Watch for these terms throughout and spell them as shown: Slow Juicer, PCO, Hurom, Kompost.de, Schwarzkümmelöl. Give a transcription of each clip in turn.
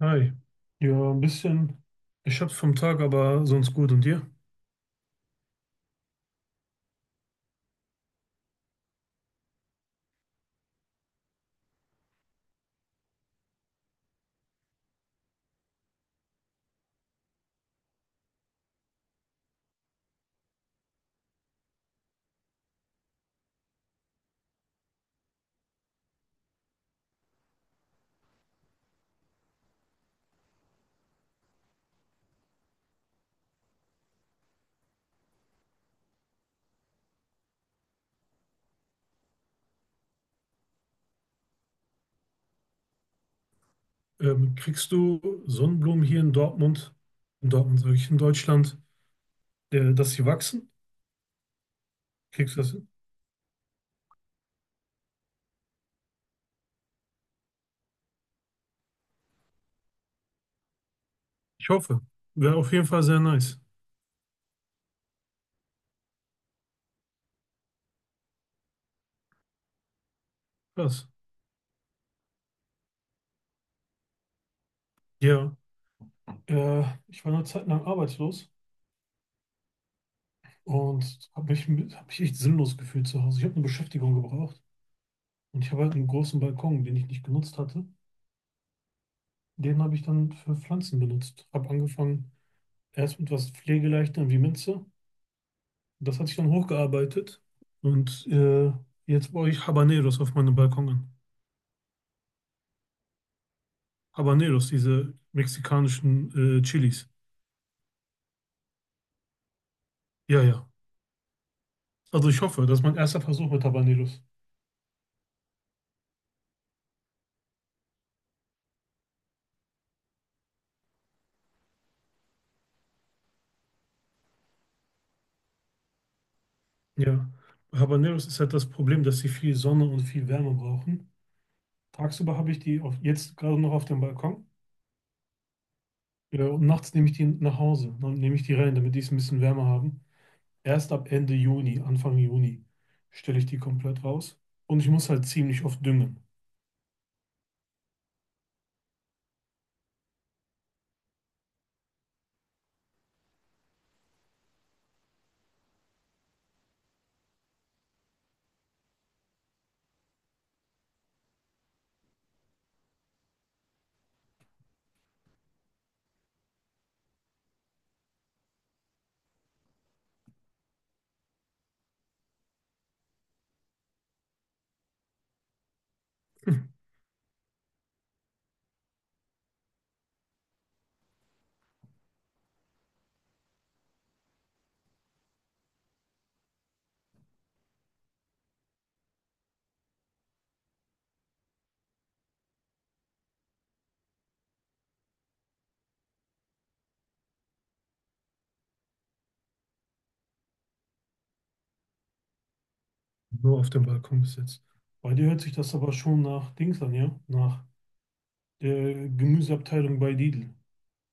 Hi. Ja, ein bisschen. Ich hab's vom Tag, aber sonst gut. Und dir? Kriegst du Sonnenblumen hier in Dortmund sage ich, in Deutschland, dass sie wachsen? Kriegst du das hin? Ich hoffe. Wäre auf jeden Fall sehr nice. Krass. Ja, äh, ich war eine Zeit lang arbeitslos und hab mich echt sinnlos gefühlt zu Hause. Ich habe eine Beschäftigung gebraucht und ich habe halt einen großen Balkon, den ich nicht genutzt hatte. Den habe ich dann für Pflanzen benutzt. Habe angefangen erst mit was Pflegeleichtem wie Minze. Das hat sich dann hochgearbeitet und jetzt baue ich Habaneros auf meinem Balkon an. Habaneros, diese mexikanischen Chilis. Ja, ja. Also ich hoffe, das ist mein erster Versuch mit Habaneros. Ja. Bei Habaneros ist halt das Problem, dass sie viel Sonne und viel Wärme brauchen. Tagsüber habe ich die auf, jetzt gerade noch auf dem Balkon. Ja, und nachts nehme ich die nach Hause. Dann nehme ich die rein, damit die es ein bisschen wärmer haben. Erst ab Ende Juni, Anfang Juni, stelle ich die komplett raus. Und ich muss halt ziemlich oft düngen. Nur auf dem Balkon bis jetzt. Bei dir hört sich das aber schon nach Dings an, ja? Nach der Gemüseabteilung bei Lidl.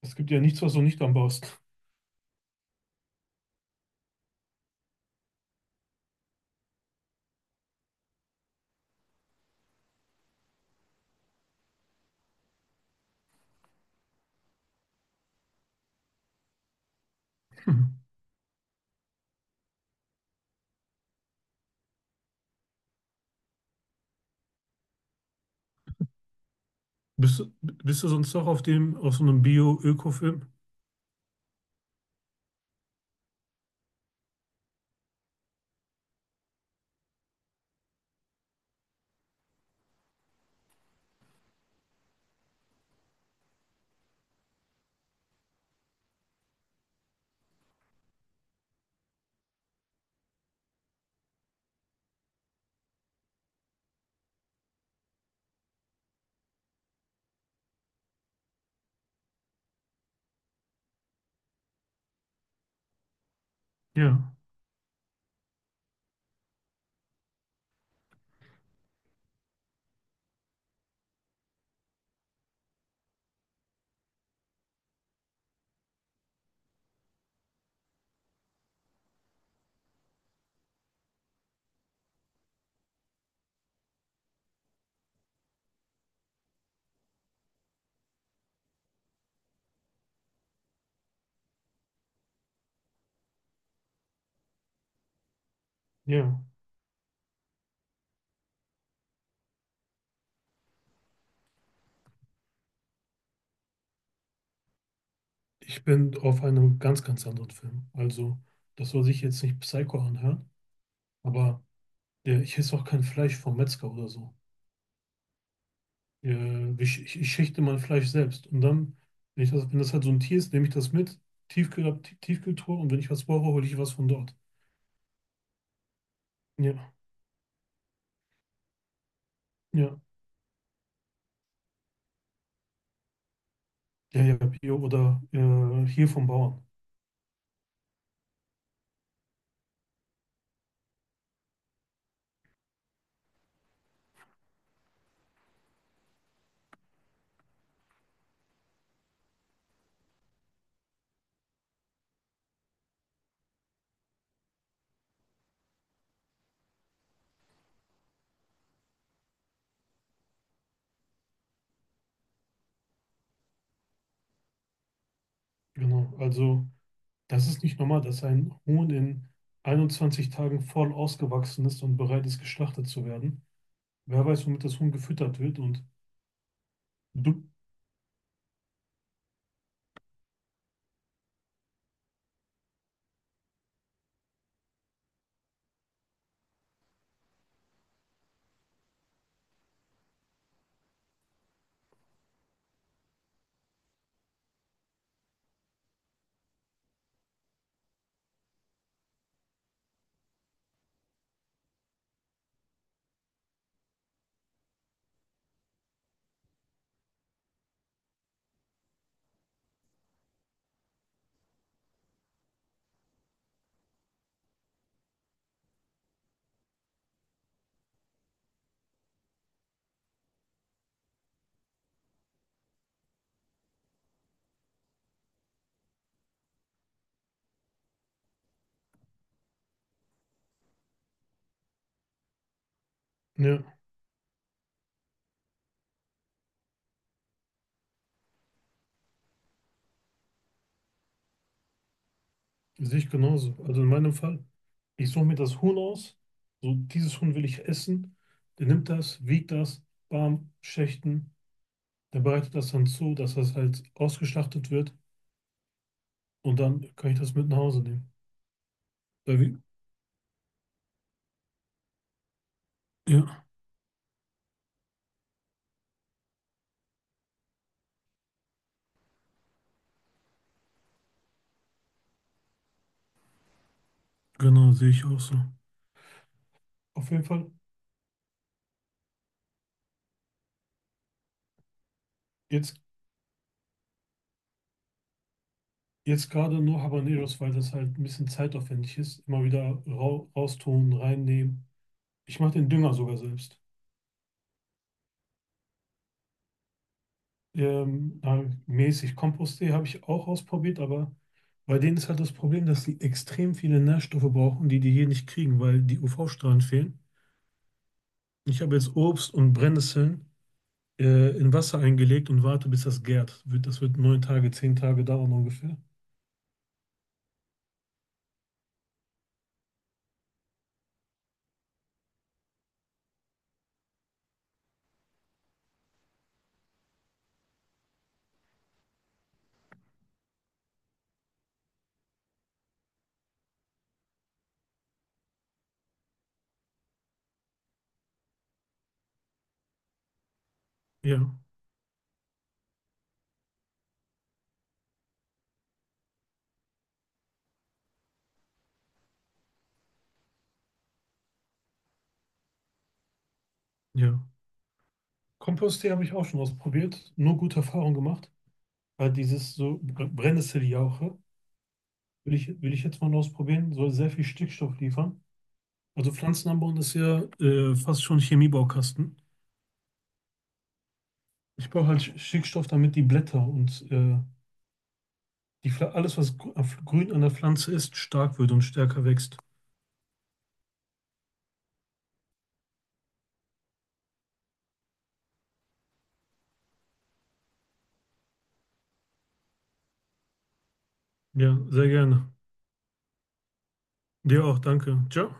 Es gibt ja nichts, was du nicht anbaust. Hm. Bist du sonst noch auf so einem Bio-Öko-Film? Ja, ja. Ich bin auf einem ganz, ganz anderen Film. Also, das soll sich jetzt nicht Psycho anhören, aber ich esse auch kein Fleisch vom Metzger oder so. Ja, ich schächte mein Fleisch selbst. Und dann, wenn das halt so ein Tier ist, nehme ich das mit, Tiefkühltruhe und wenn ich was brauche, hole ich was von dort. Ja, ja, ja, ja, Bio oder hier vom Bauern. Genau. Also, das ist nicht normal, dass ein Huhn in 21 Tagen voll ausgewachsen ist und bereit ist, geschlachtet zu werden. Wer weiß, womit das Huhn gefüttert wird und du, ja. Sehe ich genauso. Also in meinem Fall, ich suche mir das Huhn aus. So, dieses Huhn will ich essen. Der nimmt das, wiegt das, bam, Schächten. Der bereitet das dann zu, dass das halt ausgeschlachtet wird. Und dann kann ich das mit nach Hause nehmen. Weil wir- Ja, genau, sehe ich auch so. Auf jeden Fall, jetzt, jetzt gerade nur Habaneros, weil das halt ein bisschen zeitaufwendig ist. Immer wieder raustun, reinnehmen. Ich mache den Dünger sogar selbst. Na, mäßig. Kompost.de habe ich auch ausprobiert, aber bei denen ist halt das Problem, dass sie extrem viele Nährstoffe brauchen, die die hier nicht kriegen, weil die UV-Strahlen fehlen. Ich habe jetzt Obst und Brennnesseln in Wasser eingelegt und warte, bis das gärt. Das wird 9 Tage, 10 Tage dauern ungefähr. Ja, ja. Kompost.de habe ich auch schon ausprobiert, nur gute Erfahrungen gemacht. Weil dieses Brennnesseljauche will ich jetzt mal ausprobieren, soll sehr viel Stickstoff liefern. Also Pflanzen anbauen ist ja fast schon Chemiebaukasten. Ich brauche halt Stickstoff, damit die Blätter und alles, was grün an der Pflanze ist, stark wird und stärker wächst. Ja, sehr gerne. Dir auch, danke. Ciao.